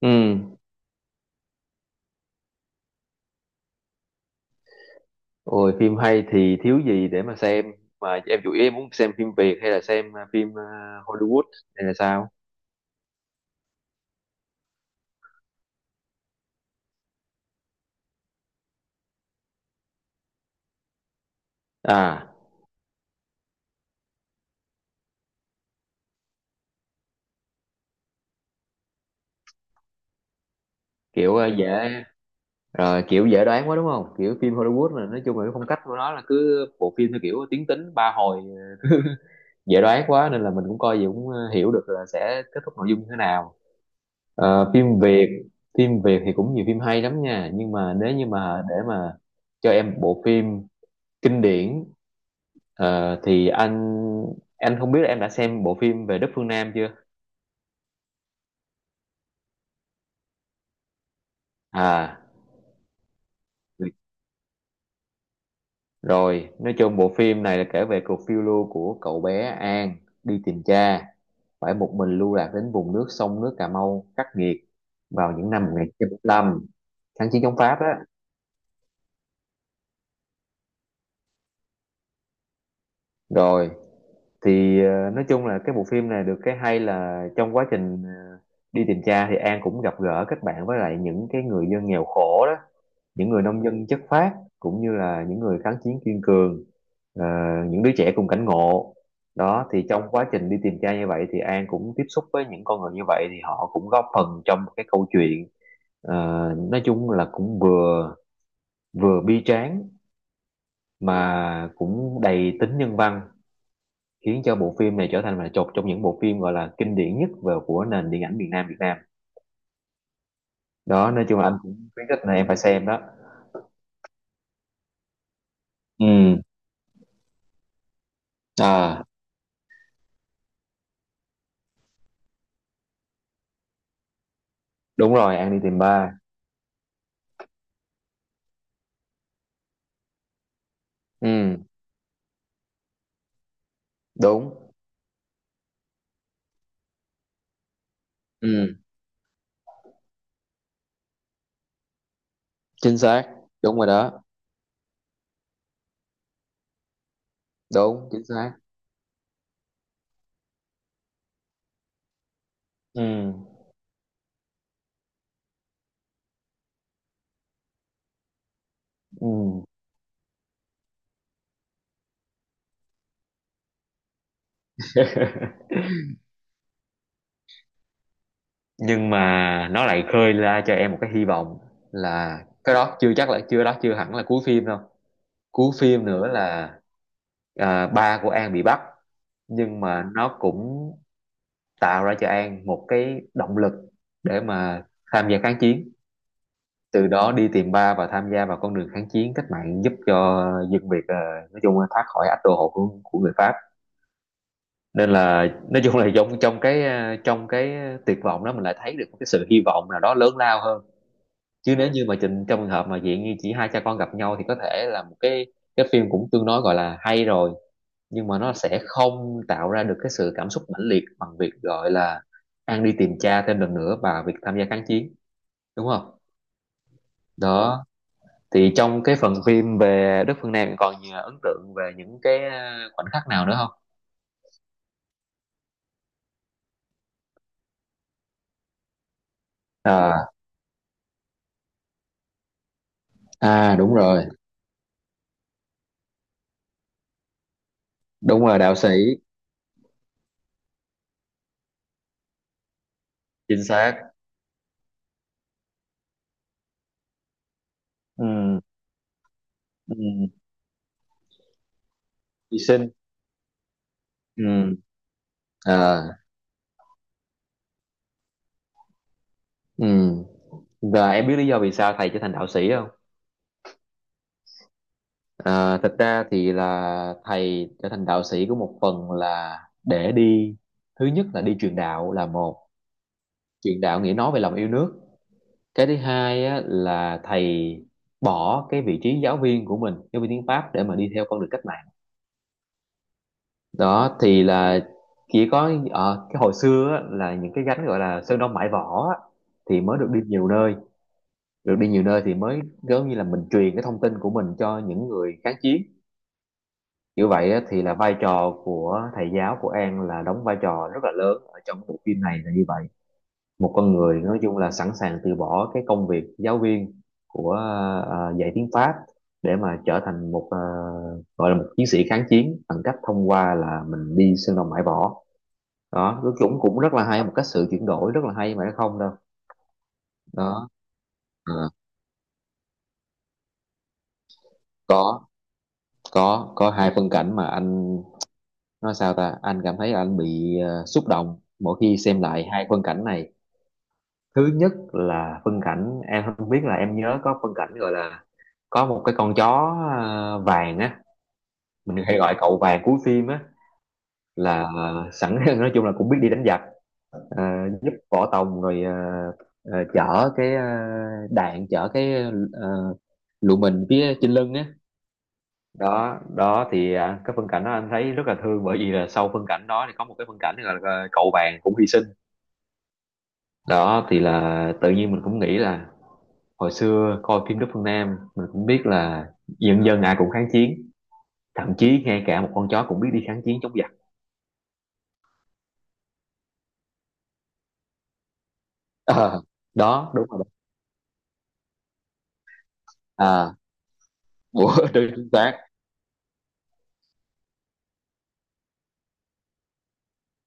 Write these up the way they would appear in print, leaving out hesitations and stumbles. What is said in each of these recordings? Ừ, rồi phim hay thì thiếu gì để mà xem mà em chủ yếu em muốn xem phim Việt hay là xem phim Hollywood hay là sao? À, dễ rồi kiểu dễ đoán quá đúng không? Kiểu phim Hollywood là nói chung là cái phong cách của nó là cứ bộ phim theo kiểu tiến tính ba hồi dễ đoán quá nên là mình cũng coi gì cũng hiểu được là sẽ kết thúc nội dung như thế nào. Ờ, phim Việt, phim Việt thì cũng nhiều phim hay lắm nha, nhưng mà nếu như mà để mà cho em bộ phim kinh điển. Thì anh không biết là em đã xem bộ phim về Đất Phương Nam chưa? À, rồi, nói chung bộ phim này là kể về cuộc phiêu lưu của cậu bé An đi tìm cha, phải một mình lưu lạc đến vùng nước sông nước Cà Mau khắc nghiệt vào những năm 1945, kháng chiến chống Pháp á. Rồi, thì nói chung là cái bộ phim này được cái hay là trong quá trình đi tìm cha thì An cũng gặp gỡ kết bạn với lại những cái người dân nghèo khổ đó, những người nông dân chất phác, cũng như là những người kháng chiến kiên cường, ờ, những đứa trẻ cùng cảnh ngộ. Đó thì trong quá trình đi tìm cha như vậy thì An cũng tiếp xúc với những con người như vậy thì họ cũng góp phần trong cái câu chuyện. ờ, nói chung là cũng vừa vừa bi tráng mà cũng đầy tính nhân văn, khiến cho bộ phim này trở thành là một trong những bộ phim gọi là kinh điển nhất về của nền điện ảnh miền Nam Việt Nam. Đó, nói chung là anh cũng khuyến khích là em phải xem đó. Ừ, à đúng rồi, An đi tìm ba. Ừ, đúng. Ừ, chính xác. Đúng rồi đó. Đúng, chính xác. Ừ, ừ. Nhưng mà nó lại khơi ra cho em một cái hy vọng là cái đó chưa chắc là chưa đó chưa hẳn là cuối phim đâu. Cuối phim nữa là ba của An bị bắt, nhưng mà nó cũng tạo ra cho An một cái động lực để mà tham gia kháng chiến, từ đó đi tìm ba và tham gia vào con đường kháng chiến cách mạng, giúp cho dân Việt nói chung là thoát khỏi ách đô hộ của người Pháp. Nên là nói chung là trong trong cái, trong cái tuyệt vọng đó mình lại thấy được một cái sự hy vọng nào đó lớn lao hơn. Chứ nếu như mà trình trong trường hợp mà dạng như chỉ hai cha con gặp nhau thì có thể là một cái phim cũng tương đối, gọi là, hay rồi, nhưng mà nó sẽ không tạo ra được cái sự cảm xúc mãnh liệt bằng việc, gọi là, An đi tìm cha thêm lần nữa và việc tham gia kháng chiến, đúng không? Đó, thì trong cái phần phim về Đất Phương Nam còn gì ấn tượng về những cái, khoảnh khắc nào nữa không? Ờ, à, đúng rồi, đạo sĩ, chính xác. Ừm, ừm, Hy sinh. Ừm, à, ừm. Và em biết lý do vì sao thầy trở thành đạo sĩ không? À, thật ra thì là thầy trở thành đạo sĩ của một phần là để đi, thứ nhất là đi truyền đạo là một, truyền đạo nghĩa nói về lòng yêu nước. Cái thứ hai á, là thầy bỏ cái vị trí giáo viên của mình, giáo viên tiếng Pháp, để mà đi theo con đường cách mạng. Đó thì là chỉ có ở cái hồi xưa á, là những cái gánh gọi là sơn đông mãi võ á, thì mới được đi nhiều nơi, được đi nhiều nơi thì mới giống như là mình truyền cái thông tin của mình cho những người kháng chiến. Như vậy thì là vai trò của thầy giáo của An là đóng vai trò rất là lớn ở trong bộ phim này là như vậy. Một con người nói chung là sẵn sàng từ bỏ cái công việc giáo viên của dạy tiếng Pháp để mà trở thành một gọi là một chiến sĩ kháng chiến bằng cách thông qua là mình đi sơn đồng bãi võ. Đó, nó cũng cũng rất là hay, một cách sự chuyển đổi rất là hay mà nó không đâu đó. Ờ, có có hai phân cảnh mà anh nói sao ta, anh cảm thấy anh bị xúc động mỗi khi xem lại hai phân cảnh này. Thứ nhất là phân cảnh, em không biết là em nhớ có phân cảnh gọi là có một cái con chó vàng á, mình hay gọi cậu vàng cuối phim á, là sẵn nói chung là cũng biết đi đánh giặc, ờ, giúp Võ Tòng rồi chở cái đạn, chở cái ờ, lụa mình phía trên lưng á. Đó đó thì à, cái phân cảnh đó anh thấy rất là thương, bởi vì là sau phân cảnh đó thì có một cái phân cảnh gọi là cậu vàng cũng hy sinh. Đó thì là tự nhiên mình cũng nghĩ là hồi xưa coi phim Đức Phương Nam mình cũng biết là dân dân ai cũng kháng chiến, thậm chí ngay cả một con chó cũng biết đi kháng chiến chống giặc. Ờ, đó đúng rồi đó. À bữa đưa chính xác.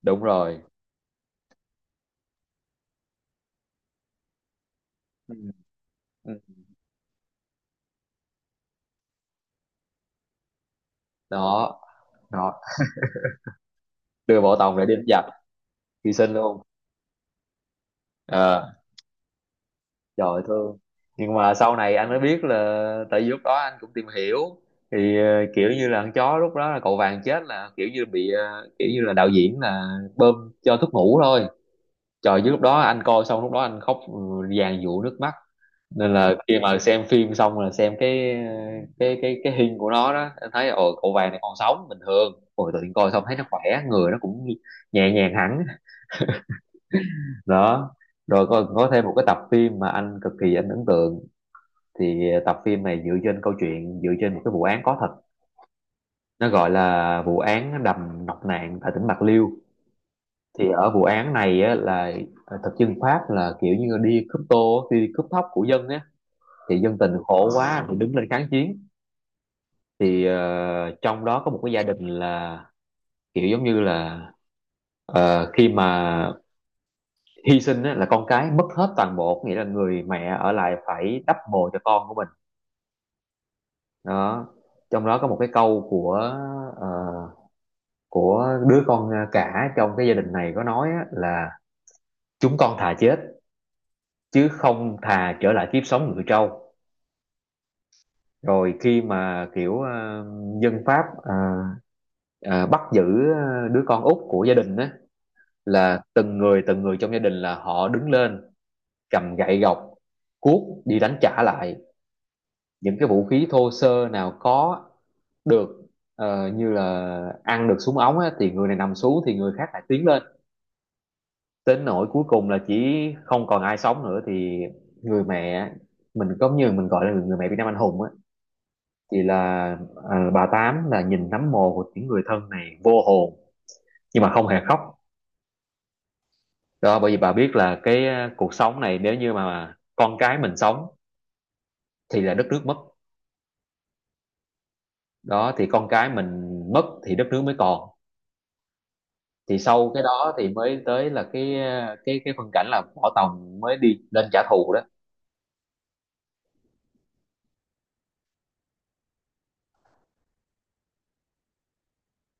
Đúng rồi. Ừ, ừ. Đó đó, đưa bộ Tòng để đi đánh giặc, hy sinh luôn. Ờ, trời ơi, thương. Nhưng mà sau này anh mới biết là tại vì lúc đó anh cũng tìm hiểu, thì kiểu như là con chó lúc đó là cậu vàng chết là kiểu như bị kiểu như là đạo diễn là bơm cho thuốc ngủ thôi. Trời, chứ lúc đó anh coi xong lúc đó anh khóc ừ, dàn dụa nước mắt. Nên là khi mà xem phim xong là xem cái cái hình của nó đó anh thấy, ồ cậu vàng này còn sống bình thường, ôi tự nhiên coi xong thấy nó khỏe, người nó cũng nhẹ nhàng hẳn. Đó, rồi có thêm một cái tập phim mà anh cực kỳ anh ấn tượng. Thì tập phim này dựa trên câu chuyện, dựa trên một cái vụ án có thật, nó gọi là vụ án đầm Nọc Nạn tại tỉnh Bạc Liêu. Thì ở vụ án này á, là thực dân Pháp là kiểu như đi cướp tô đi cướp thóc của dân á, thì dân tình khổ quá thì đứng lên kháng chiến. Thì trong đó có một cái gia đình là kiểu giống như là khi mà hy sinh á, là con cái mất hết toàn bộ, nghĩa là người mẹ ở lại phải đắp bồ cho con của mình. Đó, trong đó có một cái câu của ờ, của đứa con cả trong cái gia đình này có nói á, là chúng con thà chết chứ không thà trở lại kiếp sống người trâu. Rồi khi mà kiểu dân Pháp ờ, bắt giữ đứa con út của gia đình á, là từng người trong gia đình là họ đứng lên cầm gậy gộc cuốc đi đánh trả lại, những cái vũ khí thô sơ nào có được, như là ăn được súng ống á, thì người này nằm xuống thì người khác lại tiến lên, đến nỗi cuối cùng là chỉ không còn ai sống nữa. Thì người mẹ, mình có như mình gọi là người mẹ Việt Nam anh hùng á, thì là bà Tám là nhìn nấm mồ của những người thân này vô hồn nhưng mà không hề khóc. Đó, bởi vì bà biết là cái cuộc sống này nếu như mà con cái mình sống thì là đất nước mất. Đó thì con cái mình mất thì đất nước mới còn. Thì sau cái đó thì mới tới là cái cái phân cảnh là Võ Tòng mới đi lên trả thù đó.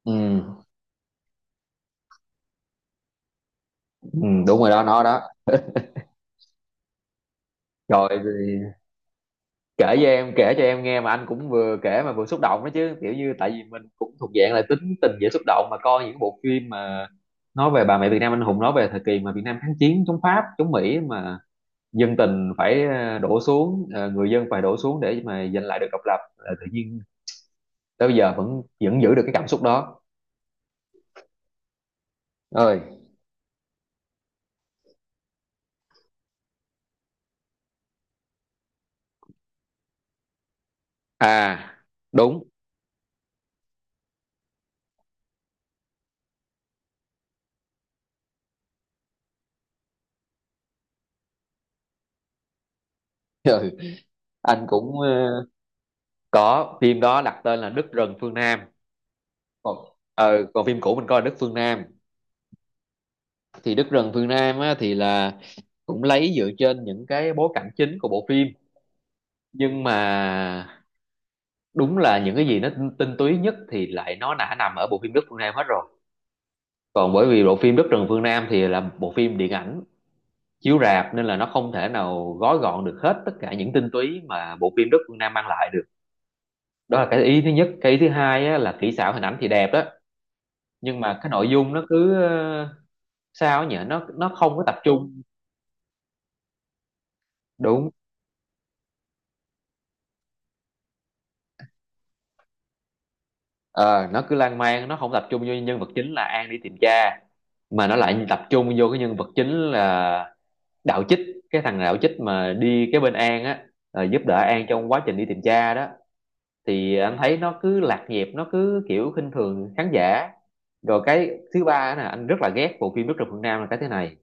Ừ, ừ đúng rồi đó nó đó. Trời, thì kể cho em, kể cho em nghe mà anh cũng vừa kể mà vừa xúc động đó chứ, kiểu như tại vì mình cũng thuộc dạng là tính tình dễ xúc động mà coi những bộ phim mà nói về bà mẹ Việt Nam anh hùng, nói về thời kỳ mà Việt Nam kháng chiến chống Pháp chống Mỹ mà dân tình phải đổ xuống người dân phải đổ xuống để mà giành lại được độc lập. Ờ, tự nhiên tới bây giờ vẫn vẫn giữ được cái cảm xúc đó. Ơi, à đúng. Ừ. Anh cũng có phim đó đặt tên là Đất rừng phương Nam. Còn còn phim cũ mình coi là Đất phương Nam. Thì Đất rừng phương Nam á, thì là cũng lấy dựa trên những cái bối cảnh chính của bộ phim, nhưng mà đúng là những cái gì tinh túy nhất thì lại nó đã nằm ở bộ phim Đất phương Nam hết rồi. Còn bởi vì bộ phim Đất rừng phương Nam thì là bộ phim điện ảnh chiếu rạp nên là nó không thể nào gói gọn được hết tất cả những tinh túy mà bộ phim Đất phương Nam mang lại được. Đó là cái ý thứ nhất. Cái ý thứ hai á, là kỹ xảo hình ảnh thì đẹp đó, nhưng mà cái nội dung nó cứ sao nhỉ, nó không có tập trung. Đúng. Ờ, nó cứ lan man, nó không tập trung vô nhân vật chính là An đi tìm cha, mà nó lại tập trung vô cái nhân vật chính là Đạo Chích. Cái thằng Đạo Chích mà đi cái bên An á, giúp đỡ An trong quá trình đi tìm cha đó, thì anh thấy nó cứ lạc nhịp, nó cứ kiểu khinh thường khán giả. Rồi cái thứ ba nè, anh rất là ghét bộ phim Đức Rực Phương Nam là cái thế này: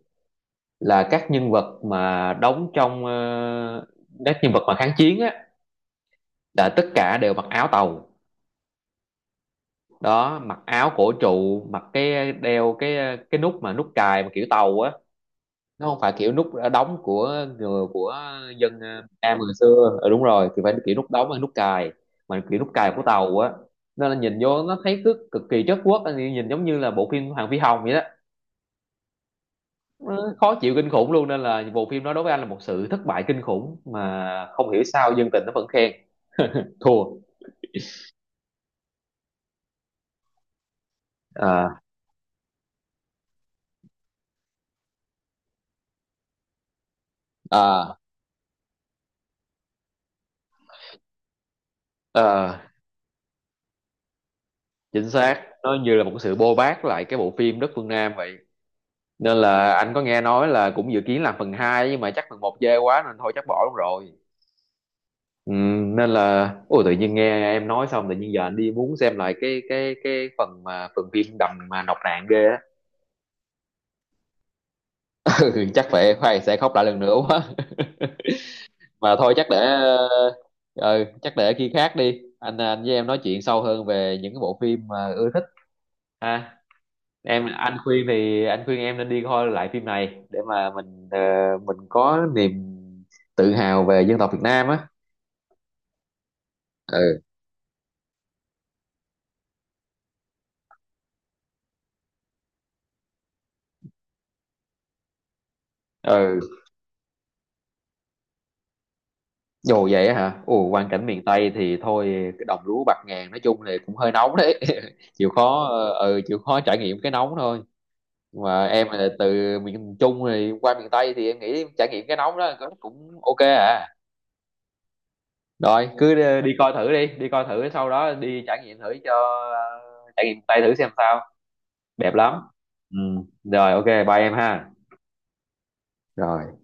là các nhân vật mà đóng trong các nhân vật mà kháng chiến á, là tất cả đều mặc áo tàu. Đó mặc áo cổ trụ, mặc cái đeo cái cái nút mà nút cài mà kiểu tàu á. Nó không phải kiểu nút đóng của người của dân Việt Nam hồi xưa. Ừ, đúng rồi, thì phải kiểu nút đóng hay nút cài, mà kiểu nút cài của tàu á. Nên là nhìn vô nó thấy cứ cực kỳ chất quốc, nhìn giống như là bộ phim Hoàng Phi Hồng vậy đó. Nó khó chịu kinh khủng luôn, nên là bộ phim đó đối với anh là một sự thất bại kinh khủng, mà không hiểu sao dân tình nó vẫn khen. Thua. À, à, à, chính xác, nó như là một sự bôi bác lại cái bộ phim Đất Phương Nam vậy. Nên là anh có nghe nói là cũng dự kiến làm phần hai, nhưng mà chắc phần một chê quá nên thôi chắc bỏ luôn rồi. Ừ, nên là ôi, tự nhiên nghe em nói xong tự nhiên giờ anh đi muốn xem lại cái cái phần mà phần phim đầm mà nọc nạn ghê á. Ừ, chắc phải phải sẽ khóc lại lần nữa quá. Mà thôi chắc để chắc để khi khác đi, anh với em nói chuyện sâu hơn về những cái bộ phim mà ưa thích ha. Em, anh khuyên thì anh khuyên em nên đi coi lại phim này để mà mình mình có niềm tự hào về dân tộc Việt Nam á. Ừ, ừ. Dù vậy á hả? Ồ, quang cảnh miền Tây thì thôi, cái đồng lúa bạc ngàn, nói chung thì cũng hơi nóng đấy. Chịu khó ừ chịu khó trải nghiệm cái nóng thôi. Mà em là từ miền Trung rồi qua miền Tây thì em nghĩ trải nghiệm cái nóng đó cũng cũng ok à. Rồi cứ đi, đi coi thử, đi đi coi thử, sau đó đi trải nghiệm thử cho trải nghiệm Tây thử xem sao. Đẹp lắm. Ừ, rồi ok, bye em ha. Rồi.